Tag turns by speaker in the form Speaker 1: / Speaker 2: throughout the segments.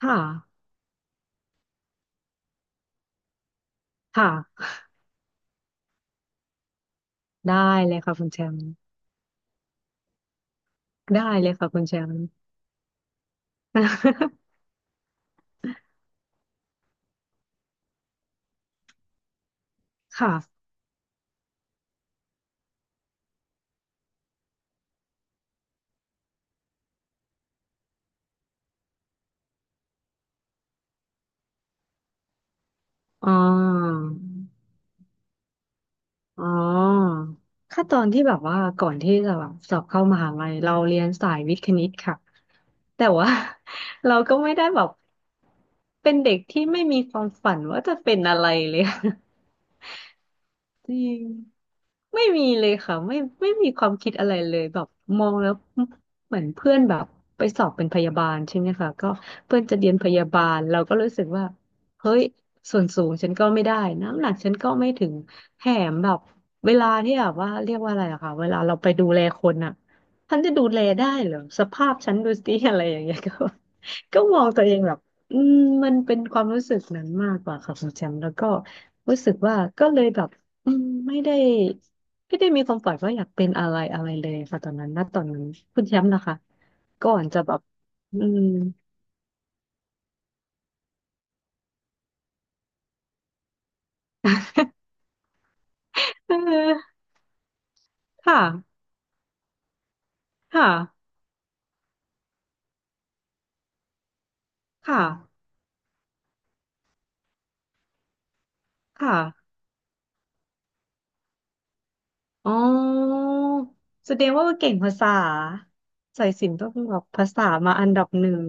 Speaker 1: ค่ะค่ะได้เลยค่ะคุณแชมป์ได้เลยค่ะคุณแชมป์ ค่ะอ๋ออ๋อขั้นตอนที่แบบว่าก่อนที่จะแบบสอบเข้ามหาลัยเราเรียนสายวิทย์คณิตค่ะ แต่ว่า เราก็ไม่ได้แบบเป็นเด็กที่ไม่มีความฝันว่าจะเป็นอะไรเลย จริง ไม่มีเลยค่ะไม่ไม่มีความคิดอะไรเลยแบบมองแล้วเหมือนเพื่อนแบบไปสอบเป็นพยาบาลใช่ไหมคะก็เพื่อนจะเรียนพยาบาลเราก็รู้สึกว่าเฮ้ยส่วนสูงฉันก็ไม่ได้น้ำหนักฉันก็ไม่ถึงแถมแบบเวลาที่แบบว่าเรียกว่าอะไรอะค่ะเวลาเราไปดูแลคนอะฉันจะดูแลได้เหรอสภาพฉันดูสิ อะไรอย่างเงี้ยก็มองตัวเองแบบอืมมันเป็นความรู้สึกนั้นมากกว่าค่ะคุณแชมป์แล้วก็รู้สึกว่าก็เลยแบบไม่ได้ ไม่ได้มีความฝันว่าอยากเป็นอะไรอะไรเลยค่ะตอนนั้นณตอนนั้นคุณแชมป์นะคะก่อนจะแบบอืม เออค่ะค่ะค่ะค่ะอ๋อแสดงว่าเก่งภาษาสายสิญจน์ต้องแบบภาษามาอันดับหนึ่ง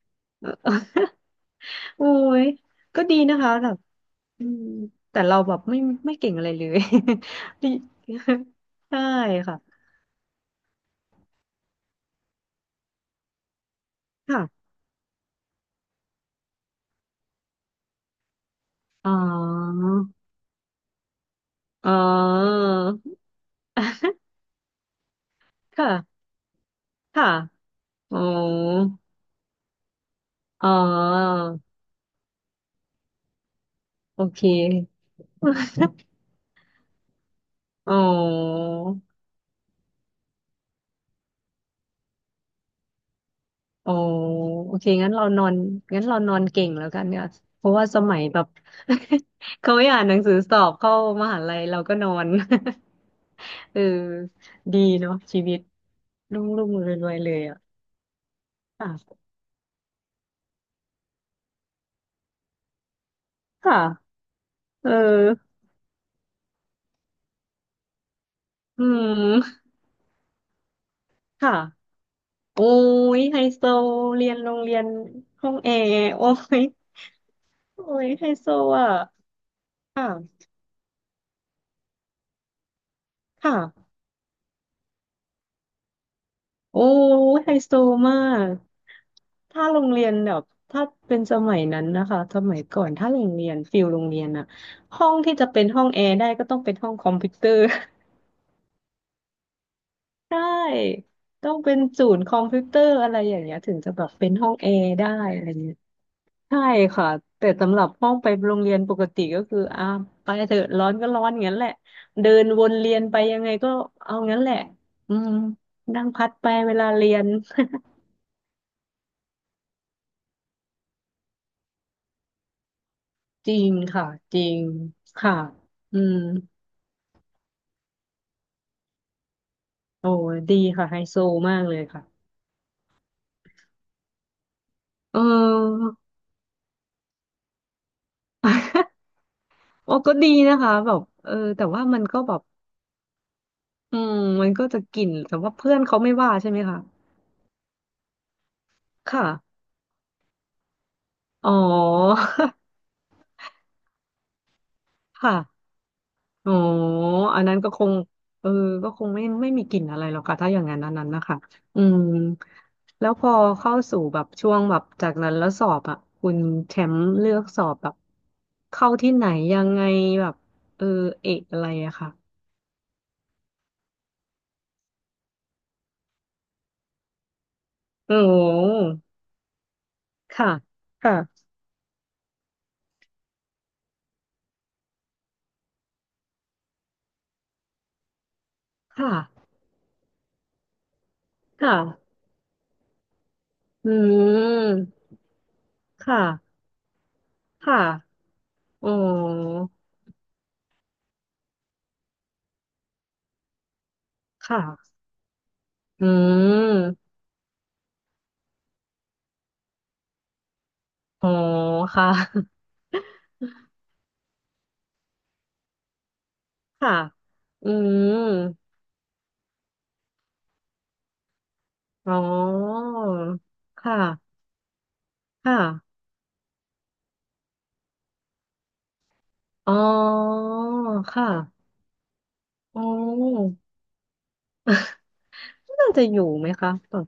Speaker 1: เออ โอ้ยก็ดีนะคะแบบอืมแต่เราแบบไม่เก่งอะไรเลย ดี ใช่ค่ะค่ะอ๋ออ๋อ ค่ะ ค่ะอ๋ออ๋อโอเคอ๋ออ๋อโอเคงั้นเรานอนงั้นเรานอนเก่งแล้วกันเนี่ยเพราะว่าสมัยแบบ เขาไม่อ่านหนังสือสอบเข้ามหาลัยเราก็นอน เออดีเนาะชีวิตรุ่งรุ่งรวยรวยๆเลยอ่ะ ค่ะค่ะเอออืมค่ะโอ้ยไฮโซเรียนโรงเรียนห้องแอร์โอ้ยโอ้ยไฮโซอ่ะค่ะค่ะ โอ้ไฮโซมากถ้าโรงเรียนแบบถ้าเป็นสมัยนั้นนะคะสมัยก่อนถ้าโรงเรียนฟิลโรงเรียนอะห้องที่จะเป็นห้องแอร์ได้ก็ต้องเป็นห้องคอมพิวเตอร์ ใช่ต้องเป็นศูนย์คอมพิวเตอร์อะไรอย่างเงี้ยถึงจะแบบเป็นห้องแอร์ได้อะไรเงี้ยใช่ค่ะแต่สำหรับห้องไปโรงเรียนปกติก็คืออ่าไปเถอะร้อนก็ร้อนงั้นแหละเดินวนเรียนไปยังไงก็เอางั้นแหละอืมนั่งพัดไปเวลาเรียน จริงค่ะจริงค่ะอืมโอ้ดีค่ะไฮโซมากเลยค่ะเออ โอ้ก็ดีนะคะแบบเออแต่ว่ามันก็แบบอืมมันก็จะกลิ่นแต่ว่าเพื่อนเขาไม่ว่าใช่ไหมคะค่ะอ๋อ ค่ะ อ๋ออันนั้นก็คงเออก็คงไม่มีกลิ่นอะไรหรอกค่ะถ้าอย่างนั้นอันนั้นนะคะอืมแล้วพอเข้าสู่แบบช่วงแบบจากนั้นแล้วสอบอ่ะคุณแชมป์เลือกสอบแบบเข้าที่ไหนยังไงแบบเออเอกอะไรอะค่ะโอ้ค่ะค่ะค่ะค่ะอืมค่ะค่ะโอ้ค่ะอืมอ๋อค่ะค่ะอืม อ๋อค่ะค่ะอ๋อค่ะอ๋อน่าจะอยู่ไหมคะแบบ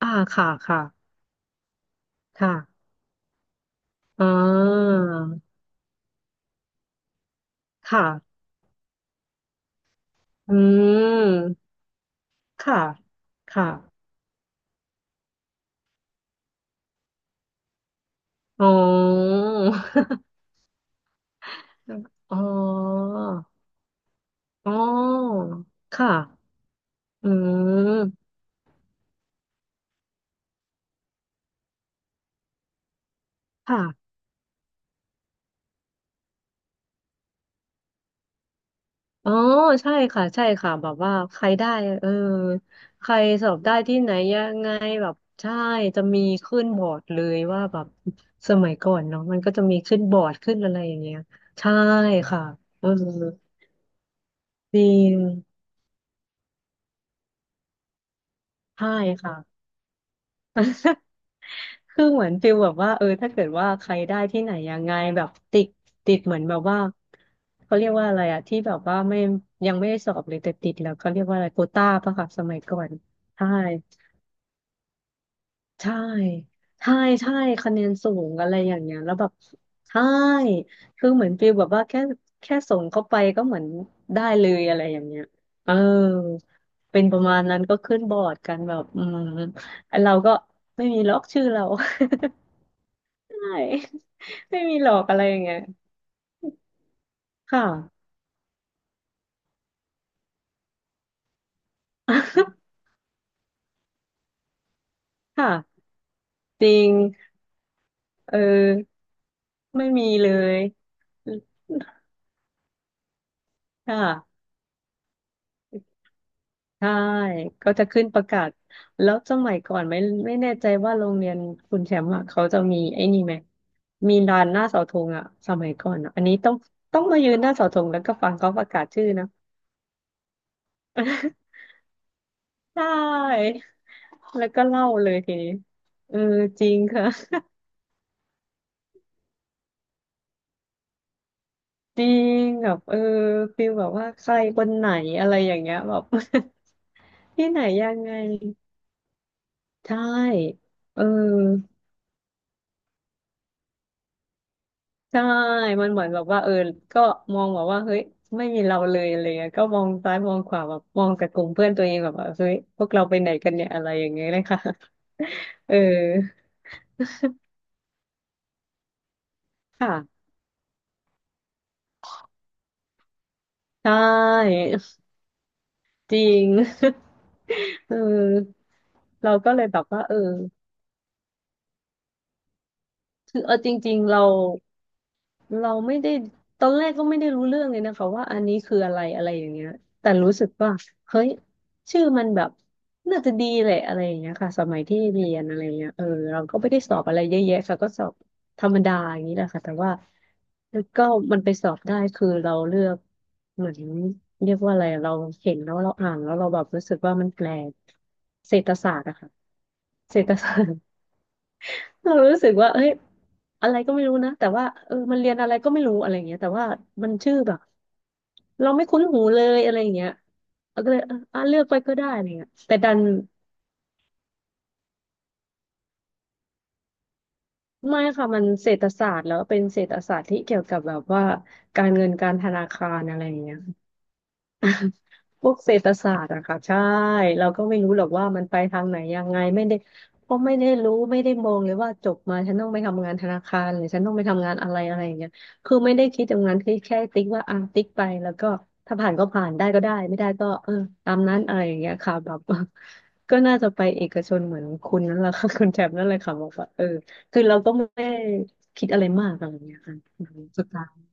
Speaker 1: อ่าค่ะค่ะค่ะอ่าค่ะอืมค่ะค่ะอ๋อ อ๋ออ๋อค่ะอืมค่ะ อ๋อใช่ค่ะใช่ค่ะแบบว่าใครได้เออใครสอบได้ที่ไหนยังไงแบบใช่จะมีขึ้นบอร์ดเลยว่าแบบสมัยก่อนเนาะมันก็จะมีขึ้นบอร์ดขึ้นอะไรอย่างเงี้ยใช่ค่ะเออจริงใช่ค่ะ คือเหมือนฟิลแบบว่าเออถ้าเกิดว่าใครได้ที่ไหนยังไงแบบติดติดเหมือนแบบว่าเขาเรียกว่าอะไรอะที่แบบว่าไม่ยังไม่ได้สอบเลยแต่ติดแล้วเขาเรียกว่าอะไรโควต้าปะค่ะสมัยก่อนใช่ ใช่ใช่ใช่คะแนนสูงอะไรอย่างเงี้ยแล้วแบบใช่คือเหมือนฟีลแบบว่าแค่แค่ส่งเข้าไปก็เหมือนได้เลยอะไรอย่างเงี้ยเออเป็นประมาณนั้นก็ขึ้นบอร์ดกันแบบอืมไอ้เราก็ไม่มีล็อกชื่อเรา ใช่ไม่มีหลอกอะไรอย่างเงี้ยค่ะ ค่ะจริงเออไม่มีเลยค่ะ ใช่ก็จะขึ้นประกาศ แล้วสมัยก่อนไม่แน่ใจว่าโรงเรียนคุณแชมป์อ่ะเขาจะมีไอ้นี่ไหมมีลานหน้าเสาธงอ่ะสมัยก่อนอะอันนี้ต้องมายืนหน้าเสาธงแล้วก็ฟังเขาประกาศชื่อนะ ใช่ แล้วก็เล่าเลยทีนี้เออจริงค่ะจริงแบบเออฟีลแบบว่าใครคนไหนอะไรอย่างเงี้ยแบบ ที่ไหนยังไง ใช่เออ ใช่มันเหมือนแบบว่าเออก็มองแบบว่าเฮ้ยไม่มีเราเลยอะไรเงี้ยก็มองซ้ายมองขวาแบบมองกับกลุ่มเพื่อนตัวเองแบบว่าเฮ้ยพวกเราไปไหนกันเนี่ยอะไรอย่างเงี้ยเลยค่ะ เออค่ะใช่จริง เออเราก็เลยแบบว่าเออคือเออจริงๆเรา เราไม่ได้ตอนแรกก็ไม่ได้รู้เรื่องเลยนะคะว่าอันนี้คืออะไรอะไรอย่างเงี้ยแต่รู้สึกว่าเฮ้ยชื่อมันแบบน่าจะดีแหละอะไรอย่างเงี้ยค่ะสมัยที่เรียนอะไรเงี้ยเราก็ไม่ได้สอบอะไรเยอะแยะค่ะก็สอบธรรมดาอย่างนี้แหละค่ะแต่ว่าแล้วก็มันไปสอบได้คือเราเลือกเหมือนเรียกว่าอะไรเราเห็นแล้วเราอ่านแล้วเราแบบรู้สึกว่ามันแปลกเศรษฐศาสตร์อะค่ะเศรษฐศาสตร์ เรารู้สึกว่าเอ้ยอะไรก็ไม่รู้นะ แต่ว่ามันเรียนอะไรก็ไม่รู้อะไรอย่างเงี้ยแต่ว่ามันชื่อแบบเราไม่คุ้นหูเลยอะไรอย่างเงี้ยเราก็เลยอ่ะเลือกไปก็ได้อะไรเงี้ยแต่ดันไม่ค่ะมันเศรษฐศาสตร์แล้วเป็นเศรษฐศาสตร์ที่เกี่ยวกับแบบว่าการเงินการธนาคารอะไรอย่างเงี้ย พวกเศรษฐศาสตร์อะค่ะใช่เราก็ไม่รู้หรอกว่ามันไปทางไหนยังไงไม่ได้ก็ไม่ได้รู้ไม่ได้มองเลยว่าจบมาฉันต้องไปทำงานธนาคารหรือฉันต้องไปทำงานอะไรอะไรอย่างเงี้ยคือไม่ได้คิดตรงนั้นคือแค่ติ๊กว่าอ่ะติ๊กไปแล้วก็ถ้าผ่านก็ผ่านได้ก็ได้ไม่ได้ก็เออตามนั้นอะไรอย่างเงี้ยค่ะแบบ ก็น่าจะไปเอกชนเหมือนคุณนั่นแหละค่ะคุณแถบนั่นเลยค่ะบอกว่าเออคือเราก็ไม่ได้คิดอะไรมากอะไรอย่างเงี้ยค่ะอืมสุดท้าย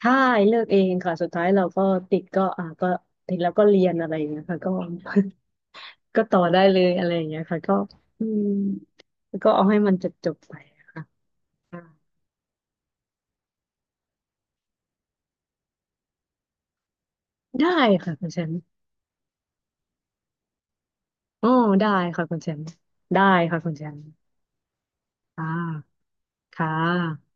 Speaker 1: ใช่เลือกเองค่ะสุดท้ายเราก็ติดก็อ่าก็ติดแล้วก็เรียนอะไรอย่างเงี้ยค่ะก็ ก็ต่อได้เลยอะไรอย่างเงี้ยค่ะก็อืมก็เอาให้มันจบจบไปค่ะอ่าได้ค่ะคุณแชมป์อ๋อได้ค่ะคุณแชมป์ได้ค่ะคุณแชมป์อ่าค่ะ